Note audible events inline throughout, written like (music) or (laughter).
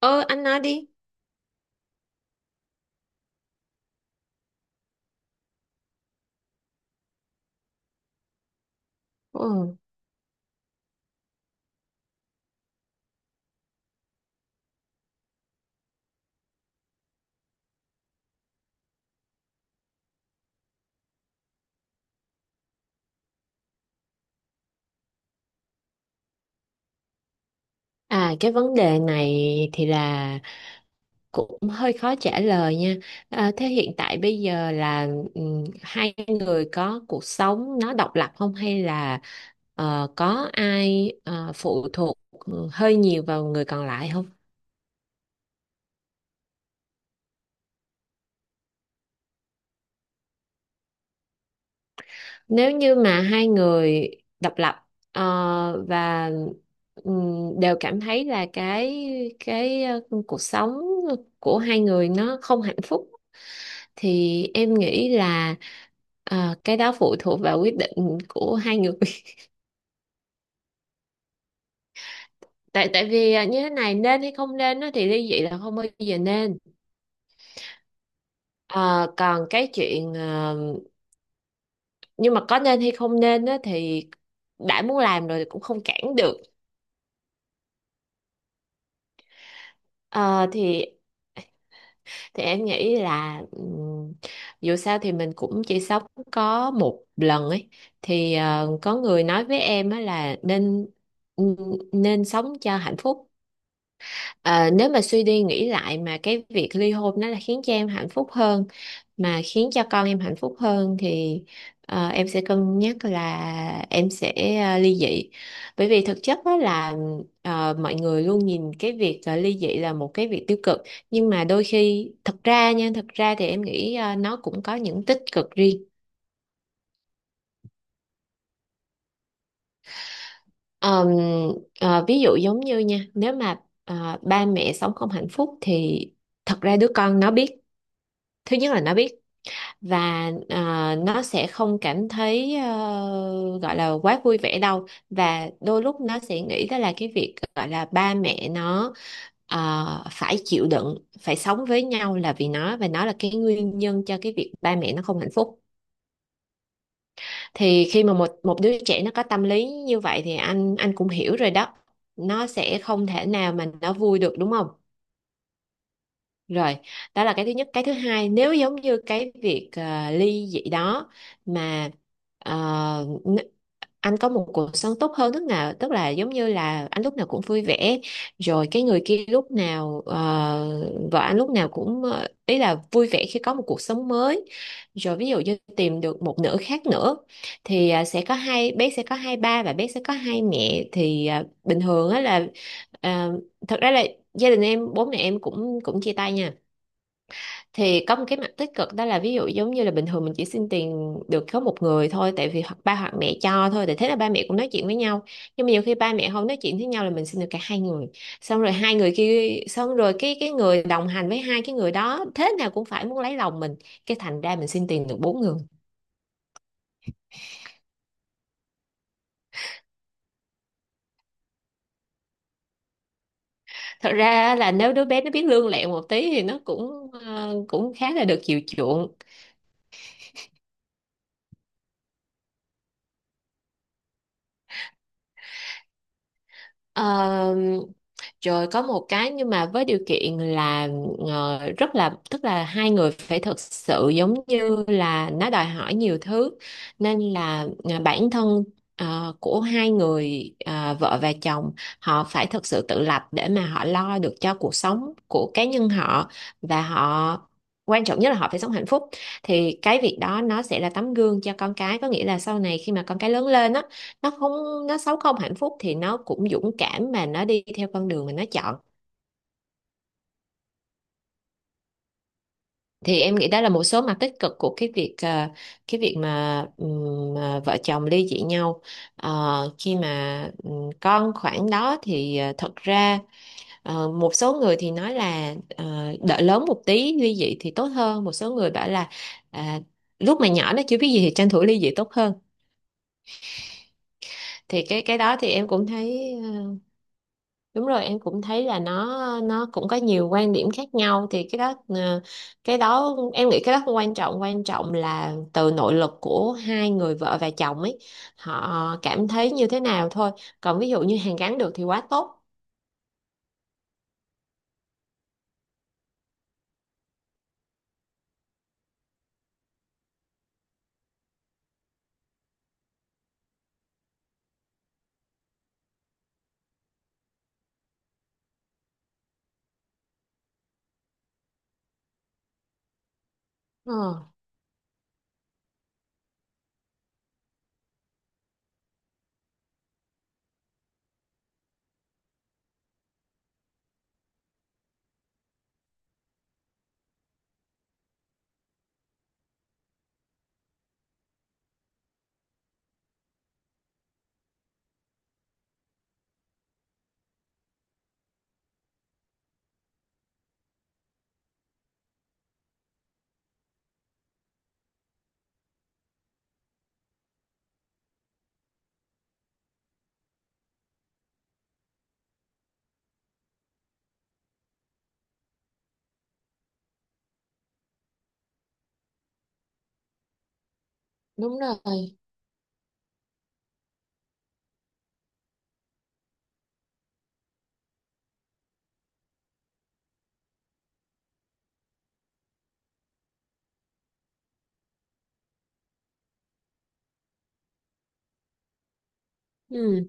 Ờ anh nói đi. Ừ. Cái vấn đề này thì là cũng hơi khó trả lời nha. Thế hiện tại bây giờ là hai người có cuộc sống nó độc lập không hay là có ai phụ thuộc hơi nhiều vào người còn lại không? Nếu như mà hai người độc lập và đều cảm thấy là cái cuộc sống của hai người nó không hạnh phúc thì em nghĩ là cái đó phụ thuộc vào quyết định của hai người. (laughs) Tại tại vì như thế này nên hay không nên á, thì ly dị là không bao giờ nên. Ờ, còn cái chuyện ờ, Nhưng mà có nên hay không nên á, thì đã muốn làm rồi thì cũng không cản được. Ờ, thì em nghĩ là dù sao thì mình cũng chỉ sống có một lần ấy, thì có người nói với em á là nên nên sống cho hạnh phúc. Ờ, Nếu mà suy đi nghĩ lại mà cái việc ly hôn nó là khiến cho em hạnh phúc hơn mà khiến cho con em hạnh phúc hơn, thì em sẽ cân nhắc là em sẽ ly dị, bởi vì thực chất đó là, mọi người luôn nhìn cái việc ly dị là một cái việc tiêu cực, nhưng mà đôi khi thật ra thì em nghĩ nó cũng có những tích cực riêng. Ờm, Ví dụ giống như nha, nếu mà ba mẹ sống không hạnh phúc thì thật ra đứa con nó biết. Thứ nhất là nó biết, và nó sẽ không cảm thấy gọi là quá vui vẻ đâu, và đôi lúc nó sẽ nghĩ đó là cái việc gọi là ba mẹ nó phải chịu đựng phải sống với nhau là vì nó, và nó là cái nguyên nhân cho cái việc ba mẹ nó không hạnh phúc. Thì khi mà một một đứa trẻ nó có tâm lý như vậy thì anh cũng hiểu rồi đó, nó sẽ không thể nào mà nó vui được, đúng không? Rồi, đó là cái thứ nhất. Cái thứ hai, nếu giống như cái việc ly dị đó, mà ờ, n- anh có một cuộc sống tốt hơn lúc nào, tức là giống như là anh lúc nào cũng vui vẻ, rồi cái người kia lúc nào, vợ anh lúc nào cũng, ý là vui vẻ khi có một cuộc sống mới. Rồi ví dụ như tìm được một nửa khác nữa, thì sẽ có hai, bé sẽ có hai ba và bé sẽ có hai mẹ. Thì bình thường á là ờ, thật ra là gia đình em, bố mẹ em cũng cũng chia tay nha, thì có một cái mặt tích cực đó là, ví dụ giống như là bình thường mình chỉ xin tiền được có một người thôi, tại vì hoặc ba hoặc mẹ cho thôi, thì thế là ba mẹ cũng nói chuyện với nhau. Nhưng mà nhiều khi ba mẹ không nói chuyện với nhau là mình xin được cả hai người, xong rồi hai người kia, xong rồi cái người đồng hành với hai cái người đó thế nào cũng phải muốn lấy lòng mình, cái thành ra mình xin tiền được bốn người. Thật ra là nếu đứa bé nó biết lương lẹo một tí thì nó cũng khá là được chiều chuộng. Ờ, Rồi có một cái, nhưng mà với điều kiện là rất là, tức là hai người phải thật sự, giống như là nó đòi hỏi nhiều thứ, nên là bản thân của hai người vợ và chồng, họ phải thật sự tự lập để mà họ lo được cho cuộc sống của cá nhân họ. Và họ, quan trọng nhất là họ phải sống hạnh phúc, thì cái việc đó nó sẽ là tấm gương cho con cái, có nghĩa là sau này khi mà con cái lớn lên á, nó sống không hạnh phúc thì nó cũng dũng cảm mà nó đi theo con đường mà nó chọn. Thì em nghĩ đó là một số mặt tích cực của cái việc cái việc mà vợ chồng ly dị nhau. Khi mà con khoảng đó thì thật ra một số người thì nói là đợi lớn một tí ly dị thì tốt hơn, một số người bảo là à, lúc mà nhỏ nó chưa biết gì thì tranh thủ ly dị tốt hơn. Thì cái đó thì em cũng thấy đúng rồi, em cũng thấy là nó cũng có nhiều quan điểm khác nhau, thì cái đó cái đó em nghĩ cái đó không quan trọng, quan trọng là từ nội lực của hai người vợ và chồng ấy, họ cảm thấy như thế nào thôi. Còn ví dụ như hàn gắn được thì quá tốt. Ờ, Đúng rồi. Ừ.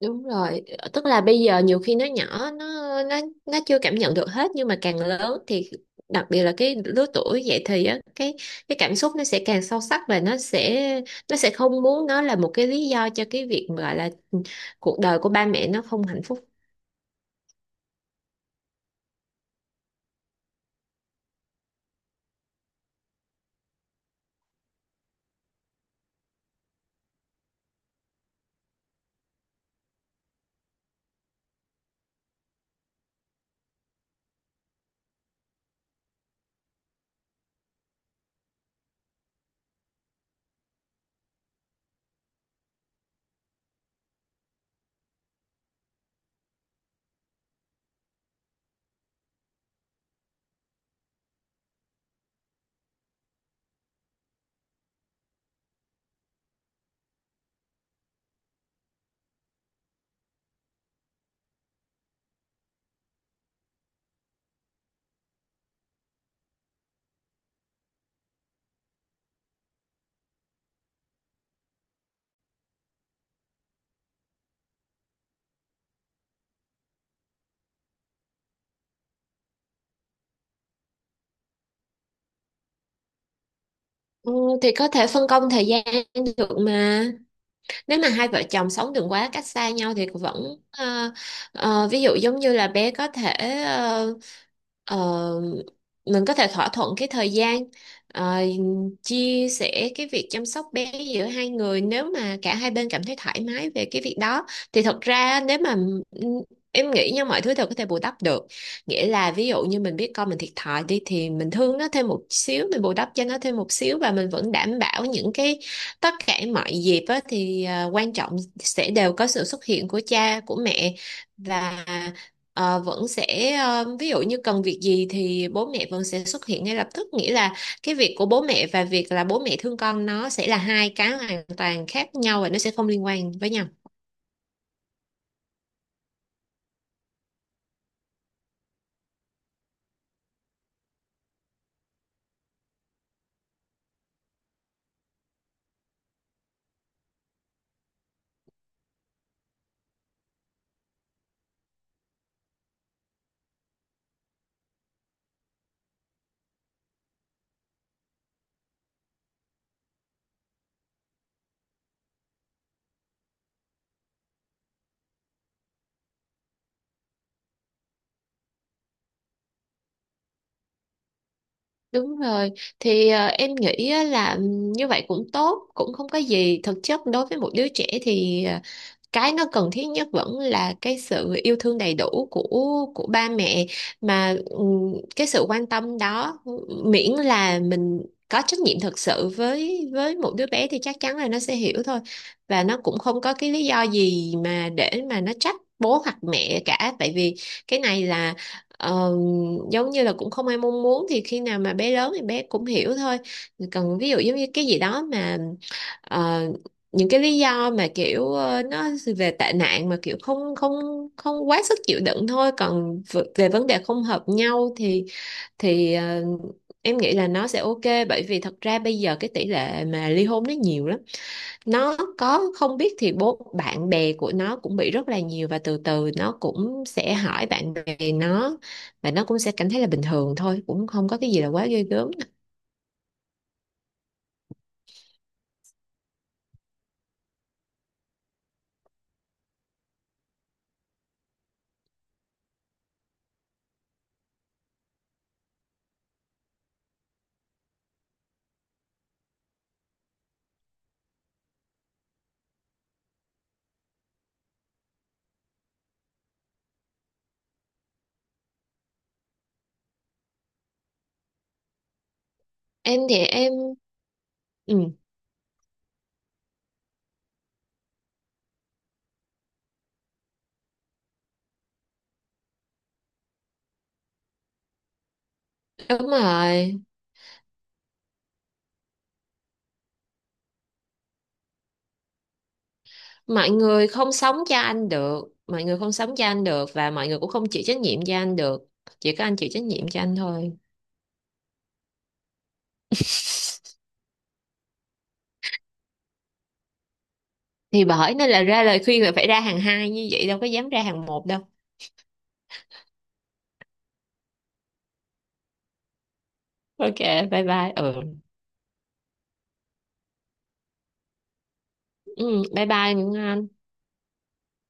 Đúng rồi, tức là bây giờ nhiều khi nó nhỏ, nó chưa cảm nhận được hết, nhưng mà càng lớn thì, đặc biệt là cái lứa tuổi dậy thì á, cái cảm xúc nó sẽ càng sâu sắc và nó sẽ không muốn nó là một cái lý do cho cái việc mà gọi là cuộc đời của ba mẹ nó không hạnh phúc. Ừ, thì có thể phân công thời gian được mà. Nếu mà hai vợ chồng sống đừng quá cách xa nhau thì vẫn ví dụ giống như là bé có thể ờ, ờ, mình có thể thỏa thuận cái thời gian, ờ, chia sẻ cái việc chăm sóc bé giữa hai người, nếu mà cả hai bên cảm thấy thoải mái về cái việc đó, thì thật ra nếu mà em nghĩ nha, mọi thứ đều có thể bù đắp được, nghĩa là ví dụ như mình biết con mình thiệt thòi đi thì mình thương nó thêm một xíu, mình bù đắp cho nó thêm một xíu, và mình vẫn đảm bảo những cái, tất cả mọi dịp á, thì quan trọng sẽ đều có sự xuất hiện của cha của mẹ, và vẫn sẽ, ví dụ như cần việc gì thì bố mẹ vẫn sẽ xuất hiện ngay lập tức, nghĩa là cái việc của bố mẹ và việc là bố mẹ thương con nó sẽ là hai cái hoàn toàn khác nhau và nó sẽ không liên quan với nhau. Đúng rồi, thì em nghĩ á là như vậy cũng tốt, cũng không có gì. Thực chất đối với một đứa trẻ thì cái nó cần thiết nhất vẫn là cái sự yêu thương đầy đủ của ba mẹ, mà cái sự quan tâm đó, miễn là mình có trách nhiệm thực sự với một đứa bé thì chắc chắn là nó sẽ hiểu thôi, và nó cũng không có cái lý do gì mà để mà nó trách bố hoặc mẹ cả, tại vì cái này là, Ờ, giống như là cũng không ai mong muốn, thì khi nào mà bé lớn thì bé cũng hiểu thôi. Còn ví dụ giống như cái gì đó mà ờ, những cái lý do mà kiểu nó về tệ nạn mà kiểu không không không quá sức chịu đựng thôi, còn về vấn đề không hợp nhau thì thì ờ, em nghĩ là nó sẽ ok, bởi vì thật ra bây giờ cái tỷ lệ mà ly hôn nó nhiều lắm, nó có không biết thì bố bạn bè của nó cũng bị rất là nhiều, và từ từ nó cũng sẽ hỏi bạn bè nó, và nó cũng sẽ cảm thấy là bình thường thôi, cũng không có cái gì là quá ghê gớm. Em thì em, ừ, đúng rồi. Mọi người không sống cho anh được, mọi người không sống cho anh được, và mọi người cũng không chịu trách nhiệm cho anh được, chỉ có anh chịu trách nhiệm cho anh thôi. Thì bởi nên là ra lời khuyên là phải ra hàng hai như vậy, đâu có dám ra hàng một đâu. OK, bye bye. Ừ, ừ bye bye Ngân Anh.